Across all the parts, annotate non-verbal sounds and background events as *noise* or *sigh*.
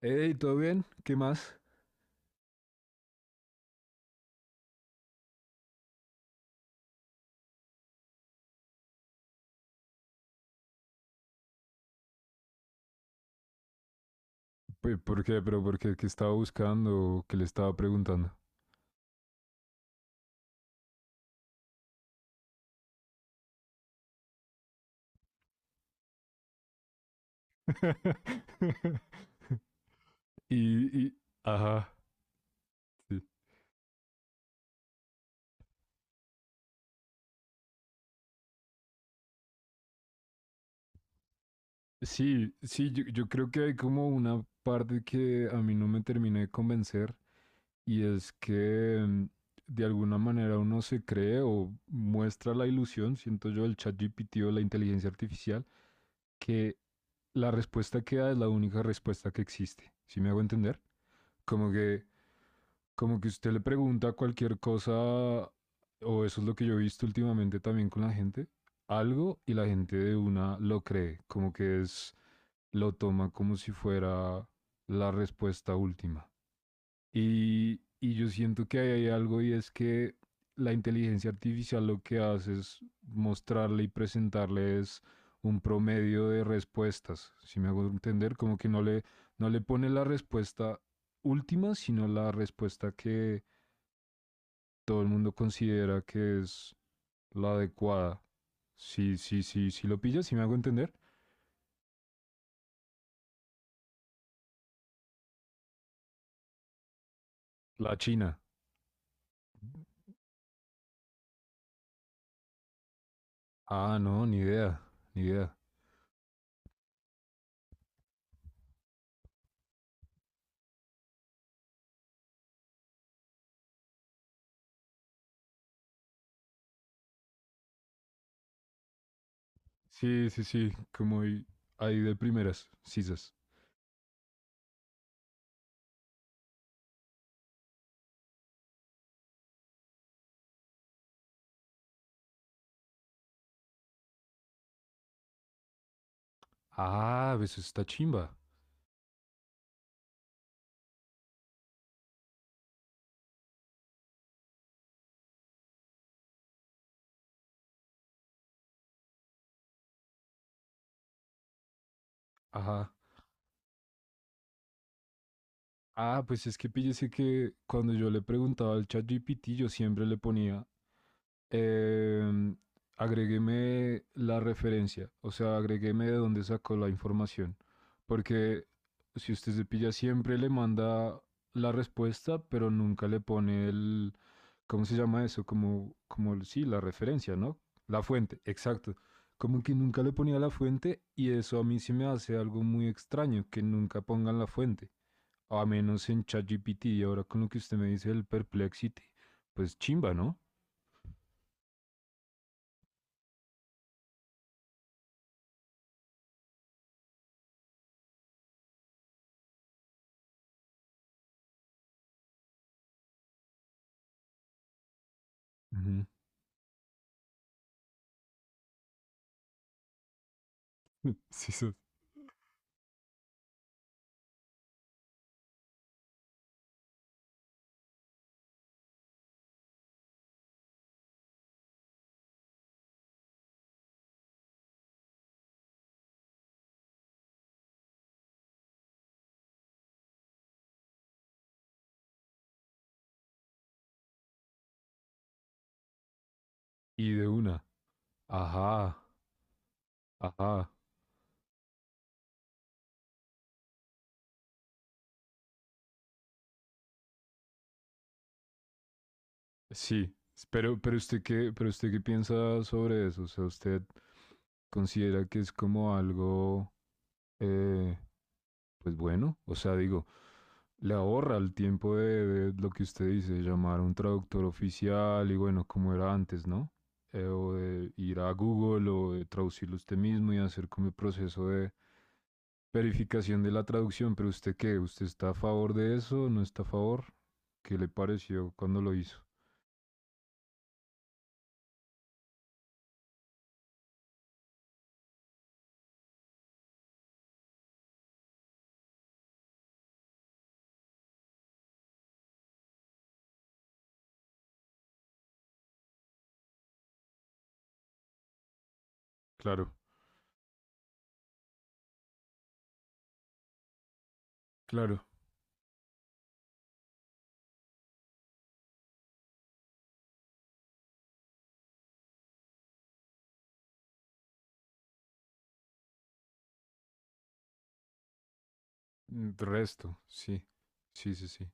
Hey, ¿todo bien? ¿Qué más? ¿Por qué? ¿Pero por qué? ¿Qué estaba buscando? ¿Qué le estaba preguntando? *laughs* Y, y- ajá, sí. Sí, sí, yo creo que hay como una parte que a mí no me terminé de convencer y es que de alguna manera uno se cree o muestra la ilusión, siento yo, el chat GPT o la inteligencia artificial, que la respuesta que da es la única respuesta que existe. ¿Sí me hago entender? Como que Como que usted le pregunta cualquier cosa, o eso es lo que yo he visto últimamente también con la gente, algo y la gente de una lo cree, como que es, lo toma como si fuera la respuesta última. Y yo siento que ahí hay algo y es que la inteligencia artificial lo que hace es mostrarle y presentarle es un promedio de respuestas, si me hago entender, como que no le, no le pone la respuesta última, sino la respuesta que todo el mundo considera que es la adecuada. Sí, sí, sí, sí lo pillas, si me hago entender. La China. Ah, no, ni idea, ni idea. Sí, sí, sí, como ahí ahí de primeras, sisas. Ah, pues está chimba. Ajá. Ah, pues es que píllese que cuando yo le preguntaba al ChatGPT, yo siempre le ponía Em, agrégueme la referencia, o sea, agrégueme de dónde sacó la información. Porque si usted se pilla, siempre le manda la respuesta, pero nunca le pone el, ¿cómo se llama eso? Como, como, sí, la referencia, ¿no? La fuente, exacto. Como que nunca le ponía la fuente y eso a mí se me hace algo muy extraño, que nunca pongan la fuente. A menos en ChatGPT y ahora con lo que usted me dice del Perplexity, pues chimba, ¿no? Ujú. *laughs* Sí, sí. Y de una. Ajá, ajá. Sí. Pero usted qué piensa sobre eso? O sea, usted considera que es como algo eh, pues bueno, o sea, digo, le ahorra el tiempo de lo que usted dice, llamar a un traductor oficial y bueno, como era antes, ¿no? O de ir a Google o de traducirlo usted mismo y hacer como el proceso de verificación de la traducción, pero usted qué, ¿usted está a favor de eso? ¿No está a favor? ¿Qué le pareció cuando lo hizo? Claro, claro. Resto, sí, sí, sí, sí.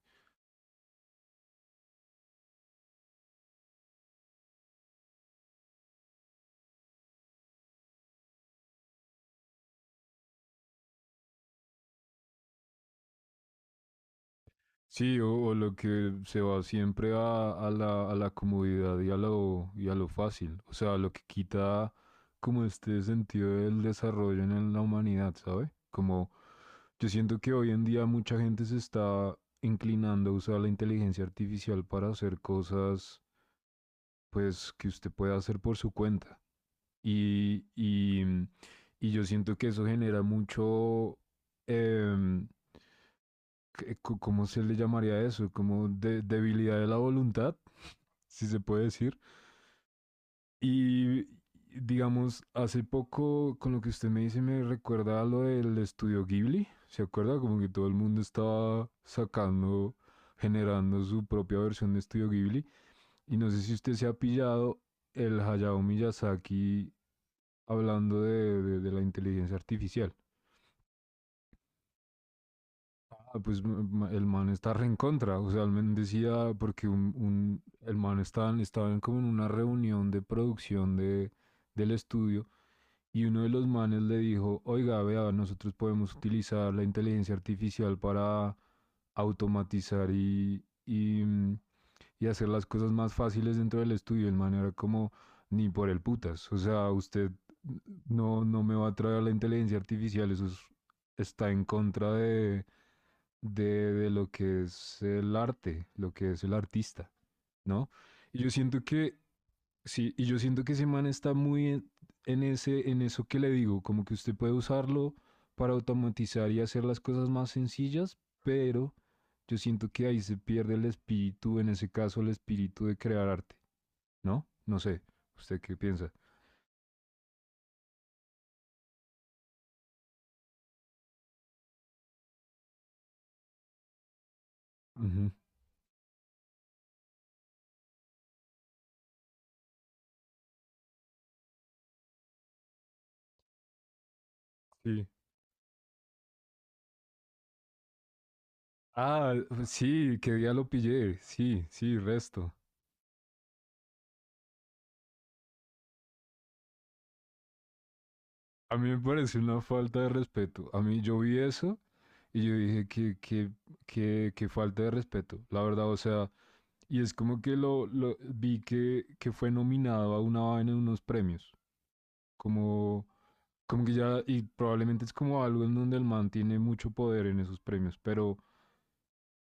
Sí, o lo que se va siempre a la comodidad y a lo fácil. O sea, lo que quita como este sentido del desarrollo en la humanidad, ¿sabe? Como yo siento que hoy en día mucha gente se está inclinando a usar la inteligencia artificial para hacer cosas, pues, que usted puede hacer por su cuenta. Y, y, mm, y yo siento que eso genera mucho, em, ¿cómo se le llamaría eso? Como debilidad de la voluntad, *laughs* si se puede decir. Y digamos, hace poco con lo que usted me dice me recuerda a lo del estudio Ghibli, ¿se acuerda? Como que todo el mundo estaba sacando, generando su propia versión de estudio Ghibli. Y no sé si usted se ha pillado el Hayao Miyazaki hablando de, de la inteligencia artificial. Ah, pues el man está re en contra. O sea, el man decía, porque el man estaban, estaban como en una reunión de producción de, del estudio y uno de los manes le dijo, oiga, vea, nosotros podemos utilizar la inteligencia artificial para automatizar y hacer las cosas más fáciles dentro del estudio. El man era como, ni por el putas. O sea, usted no, no me va a traer la inteligencia artificial. Eso es- está en contra de lo que es el arte, lo que es el artista, ¿no? Y yo siento que sí, y yo siento que ese man está muy en ese, en eso que le digo, como que usted puede usarlo para automatizar y hacer las cosas más sencillas, pero yo siento que ahí se pierde el espíritu, en ese caso el espíritu de crear arte, ¿no? No sé, ¿usted qué piensa? Ujú, sí. Ah, sí, que día lo pillé, sí, sí, resto. A mí me parece una falta de respeto. A mí yo vi eso y yo dije que falta de respeto, la verdad, o sea... Y es como que lo, vi que fue nominado a una vaina en unos premios. Como, como que ya, y probablemente es como algo en donde el man tiene mucho poder en esos premios. Pero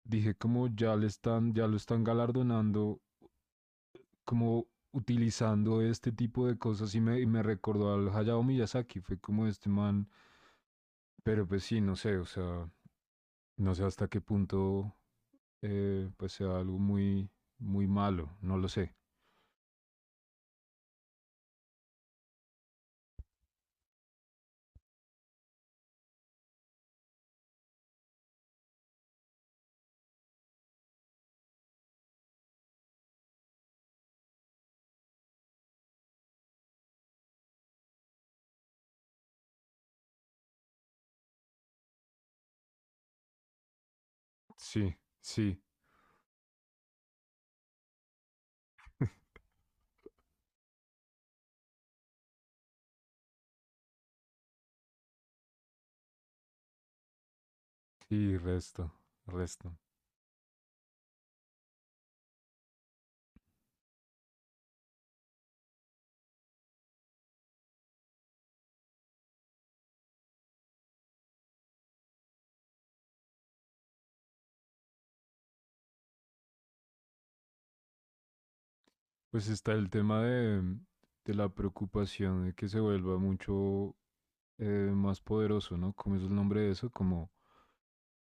dije como ya le están, ya lo están galardonando, como utilizando este tipo de cosas y me recordó al Hayao Miyazaki. Fue como este man. Pero pues sí, no sé, o sea, no sé hasta qué punto pues sea algo muy, muy malo. No lo sé. Sí, sí. Sí, resto, resto. Pues está el tema de, de la preocupación de que se vuelva mucho más poderoso, ¿no? ¿Cómo es el nombre de eso? Como,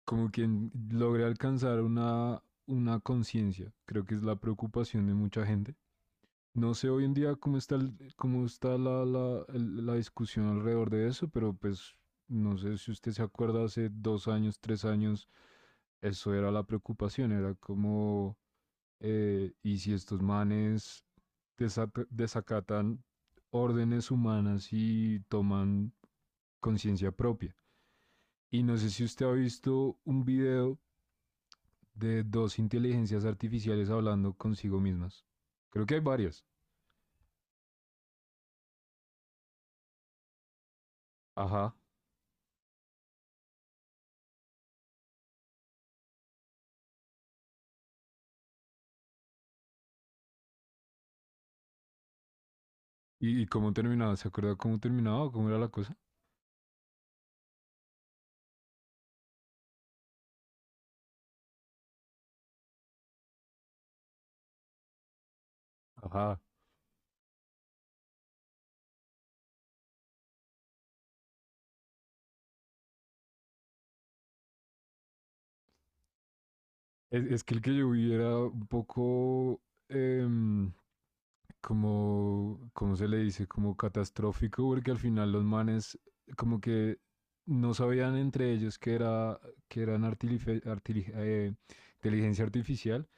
como quien logre alcanzar una conciencia. Creo que es la preocupación de mucha gente. No sé hoy en día cómo está, cómo está la discusión alrededor de eso, pero pues no sé si usted se acuerda hace 2 años, 3 años, eso era la preocupación, era como y si estos manes desacatan órdenes humanas y toman conciencia propia. Y no sé si usted ha visto un video de dos inteligencias artificiales hablando consigo mismas. Creo que hay varias. Ajá. Y cómo terminaba? ¿Se acuerda cómo terminaba o cómo era la cosa? Ajá. Es que el que yo vi era un poco em, como, ¿cómo se le dice? Como catastrófico, porque al final los manes como que no sabían entre ellos que, era, que eran inteligencia artificial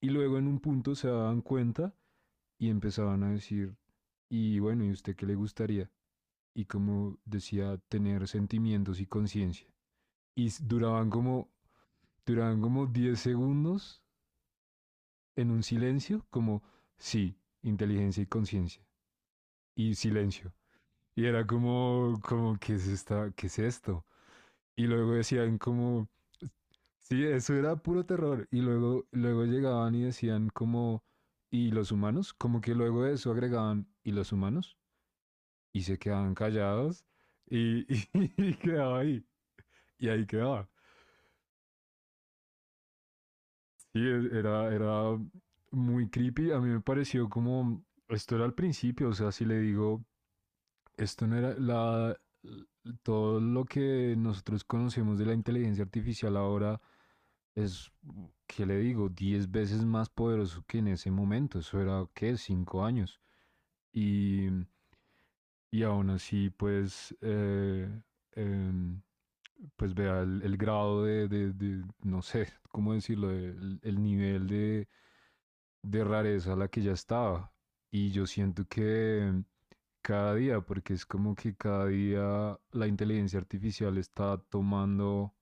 y luego en un punto se daban cuenta y empezaban a decir, y bueno, ¿y usted qué le gustaría? Y como decía, tener sentimientos y conciencia. Y s- duraban como, duraban como 10 segundos en un silencio, como sí, inteligencia y conciencia. Y silencio. Y era como, como, ¿qué es esta, qué es esto? Y luego decían como, sí, eso era puro terror. Y luego, luego llegaban y decían como, ¿y los humanos? Como que luego de eso agregaban, ¿y los humanos? Y se quedaban callados y, *laughs* y quedaba ahí. Y ahí quedaba. Sí, era, era muy creepy. A mí me pareció como, esto era al principio, o sea, si le digo, esto no era la, todo lo que nosotros conocemos de la inteligencia artificial ahora es, ¿qué le digo? 10 veces más poderoso que en ese momento. Eso era, ¿qué? 5 años. Y, y aún así, pues, eh, pues vea el grado de, no sé, ¿cómo decirlo? El nivel de rareza a la que ya estaba. Y yo siento que cada día, porque es como que cada día la inteligencia artificial está tomando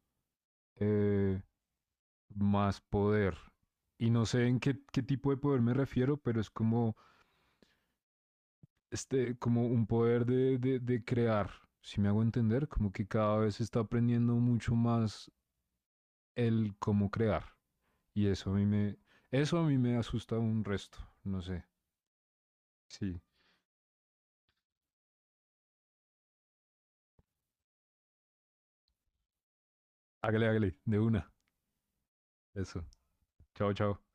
eh, más poder. Y no sé en qué, qué tipo de poder me refiero, pero es como, este, como un poder de crear, si me hago entender, como que cada vez se está aprendiendo mucho más el cómo crear. Y eso a mí me, eso a mí me asusta un resto, no sé. Sí, hágale, hágale, de una. Eso. Chao, chao.